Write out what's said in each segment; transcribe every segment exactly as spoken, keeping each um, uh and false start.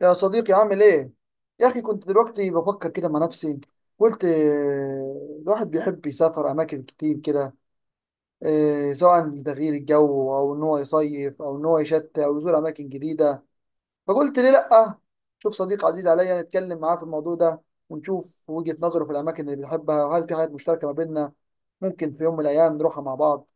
يا صديقي، عامل ايه؟ يا اخي، كنت دلوقتي بفكر كده مع نفسي. قلت آه، الواحد بيحب يسافر اماكن كتير كده. آه، سواء لتغيير الجو او ان هو يصيف او ان هو يشتي او يزور اماكن جديدة. فقلت ليه لأ؟ شوف، صديق عزيز عليا نتكلم معاه في الموضوع ده ونشوف وجهة نظره في الاماكن اللي بيحبها، وهل في حاجات مشتركة ما بيننا ممكن في يوم من الايام نروحها مع بعض.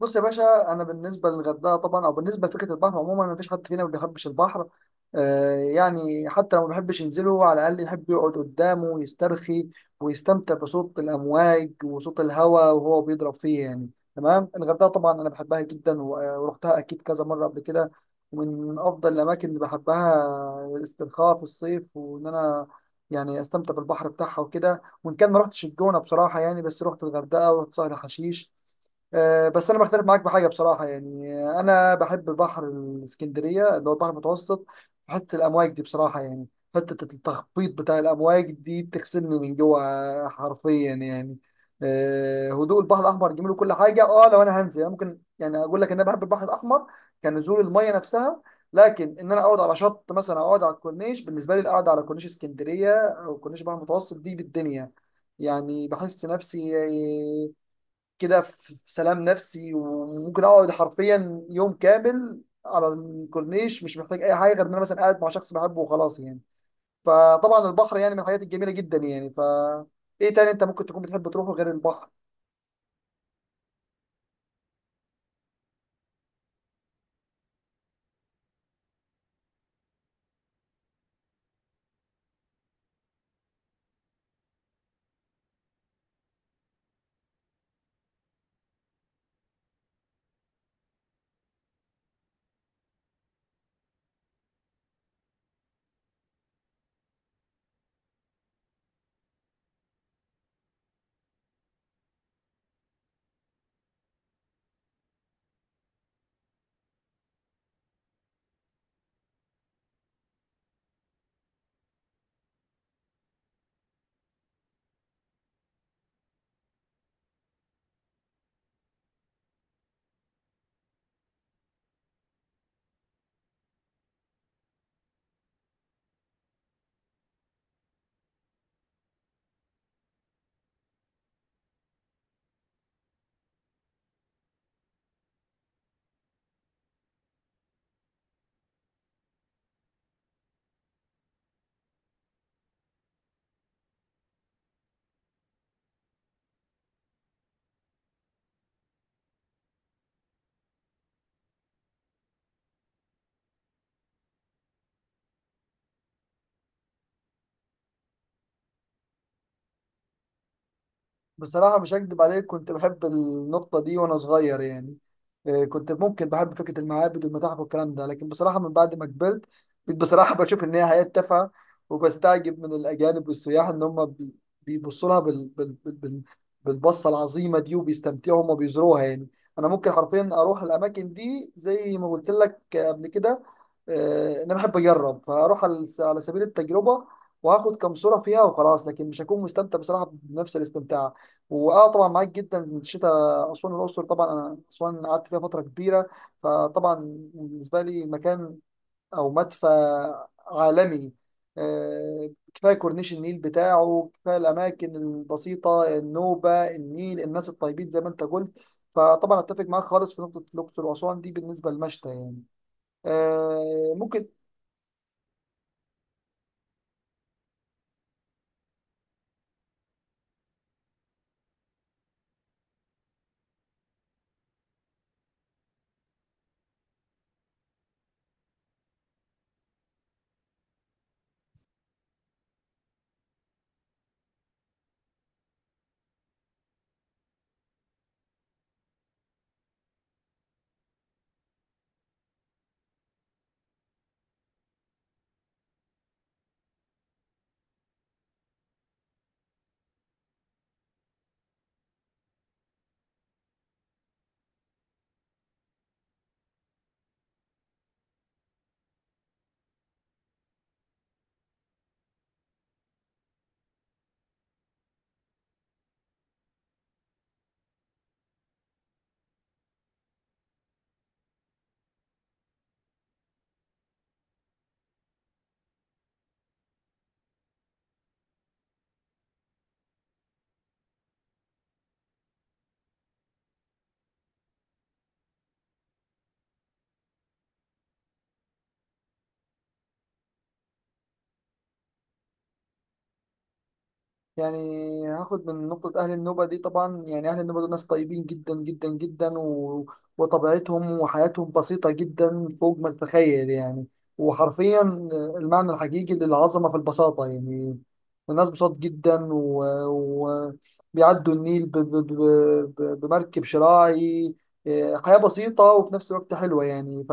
بص يا باشا، انا بالنسبه للغردقه طبعا او بالنسبه لفكره البحر عموما، ما فيش حد فينا ما بيحبش البحر. آه يعني، حتى لو ما بيحبش ينزله، على الاقل يحب يقعد قدامه ويسترخي ويستمتع بصوت الامواج وصوت الهواء وهو بيضرب فيه يعني. تمام. الغردقه طبعا انا بحبها جدا و- آه، ورحتها اكيد كذا مره قبل كده، ومن افضل الاماكن اللي بحبها الاسترخاء في الصيف وان انا يعني استمتع بالبحر بتاعها وكده. وان كان ما رحتش الجونه بصراحه يعني، بس رحت الغردقه ورحت سهل حشيش. آه، بس انا بختلف معاك بحاجه بصراحه يعني، انا بحب بحر الاسكندريه اللي هو البحر المتوسط. في حته الامواج دي بصراحه يعني، حته التخبيط بتاع الامواج دي بتغسلني من جوه حرفيا يعني. آه، هدوء البحر الاحمر جميل وكل حاجه. اه، لو انا هنزل يعني، ممكن يعني اقول لك ان انا بحب البحر الاحمر كنزول الميه نفسها. لكن ان انا اقعد على شط مثلا او اقعد على الكورنيش، بالنسبه لي القعده على كورنيش اسكندريه او كورنيش البحر المتوسط دي بالدنيا يعني. بحس نفسي كده في في سلام نفسي، وممكن اقعد حرفيا يوم كامل على الكورنيش، مش محتاج اي حاجه غير ان انا مثلا قاعد مع شخص بحبه وخلاص يعني. فطبعا البحر يعني من الحاجات الجميله جدا يعني، ف ايه تاني انت ممكن تكون بتحب تروحه غير البحر؟ بصراحة مش هكدب عليك، كنت بحب النقطة دي وأنا صغير يعني. آه، كنت ممكن بحب فكرة المعابد والمتاحف والكلام ده، لكن بصراحة من بعد ما كبرت بقيت بصراحة بشوف إن هي حياة تافهة. وبستعجب من الأجانب والسياح إن هم بي- بيبصوا لها بال... بال... بال... بال- بالبصة العظيمة دي، وبيستمتعوا هم بيزوروها يعني. أنا ممكن حرفيا أروح الأماكن دي زي ما قلت لك قبل كده، آه، إن أنا بحب أجرب فأروح على على سبيل التجربة وهاخد كام صورة فيها وخلاص، لكن مش هكون مستمتع بصراحة بنفس الاستمتاع. واه، طبعا معاك جدا، الشتاء اسوان الاقصر. طبعا انا اسوان قعدت فيها فتره كبيره. فطبعا بالنسبه لي مكان او مدفع عالمي، آه، كفايه كورنيش النيل بتاعه، كفايه الاماكن البسيطه، النوبه النيل الناس الطيبين زي ما انت قلت. فطبعا اتفق معاك خالص في نقطه الاقصر واسوان دي بالنسبه للمشتى يعني. آه، ممكن. يعني هاخد من نقطة أهل النوبة دي. طبعا يعني أهل النوبة دول ناس طيبين جدا جدا جدا، و... وطبيعتهم وحياتهم بسيطة جدا فوق ما تتخيل يعني. وحرفيا المعنى الحقيقي للعظمة في البساطة يعني. الناس بساط جدا، وبيعدوا و... و- بيعدوا النيل ب... ب... ب... ب... بمركب شراعي. إيه، حياة بسيطة وفي نفس الوقت حلوة يعني. ف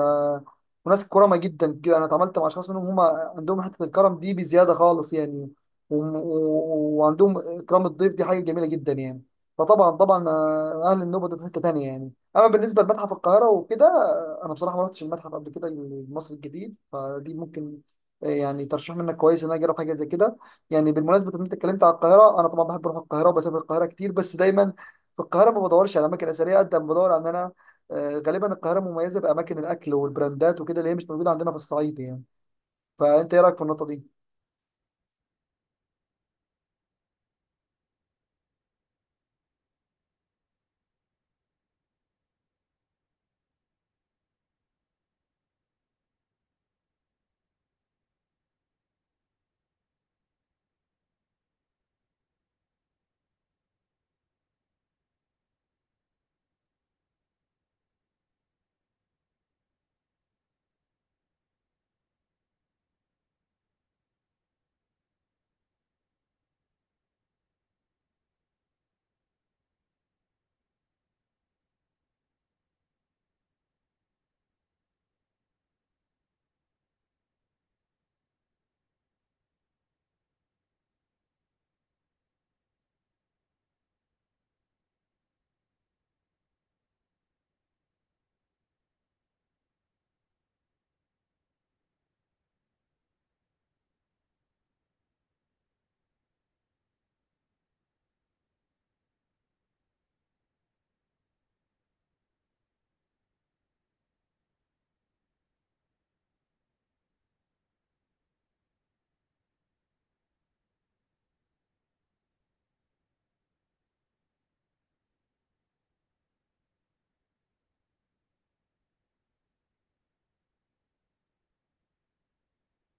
وناس كرمة جدا كده، أنا اتعاملت مع أشخاص منهم، هم عندهم حتة الكرم دي بزيادة خالص يعني. وم- و- وعندهم اكرام الضيف دي حاجه جميله جدا يعني. فطبعا طبعا، آه، اهل النوبه دول في حته تانيه يعني. اما بالنسبه لمتحف القاهره وكده، آه، انا بصراحه ما رحتش المتحف قبل كده المصري الجديد، فدي ممكن آه، يعني ترشيح منك كويس ان انا اجرب حاجه زي كده. يعني بالمناسبه ان انت اتكلمت على القاهره، انا طبعا بحب اروح القاهره وبسافر القاهره كتير، بس دايما في القاهره ما بدورش على اماكن اثريه قد ما بدور على ان انا آه، غالبا القاهره مميزه باماكن الاكل والبراندات وكده اللي هي مش موجوده عندنا في الصعيد يعني. فانت ايه رايك في النقطه دي؟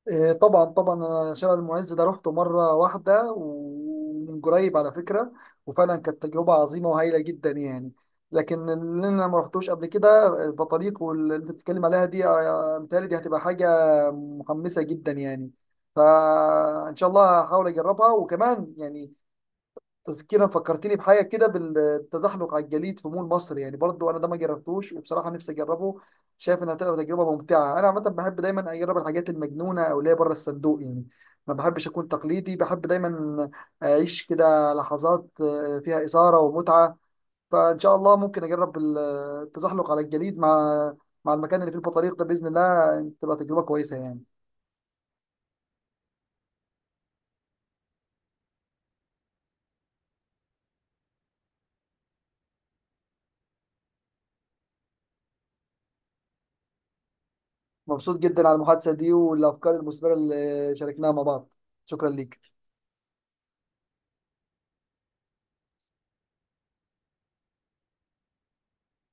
إيه، طبعا طبعا، انا شارع المعز ده روحته مره واحده ومن قريب على فكره. وفعلا كانت تجربه عظيمه وهايله جدا يعني. لكن اللي انا ما رحتوش قبل كده البطاريق واللي انت بتتكلم عليها دي، آه، متهيألي دي هتبقى حاجه محمسه جدا يعني. فان شاء الله هحاول اجربها. وكمان يعني تذكيرا فكرتني بحاجه كده، بالتزحلق على الجليد في مول مصر. يعني برضو انا ده ما جربتوش وبصراحه نفسي اجربه. شايف انها تبقى تجربه ممتعه. انا عامه بحب دايما اجرب الحاجات المجنونه او اللي هي بره الصندوق يعني، ما بحبش اكون تقليدي. بحب دايما اعيش كده لحظات آه، فيها اثاره ومتعه. فان شاء الله ممكن اجرب ال- التزحلق على الجليد مع مع المكان اللي فيه البطاريق ده، باذن الله تبقى تجربه كويسه يعني. مبسوط جدا على المحادثه دي والافكار المثمره اللي شاركناها مع بعض. شكرا ليك.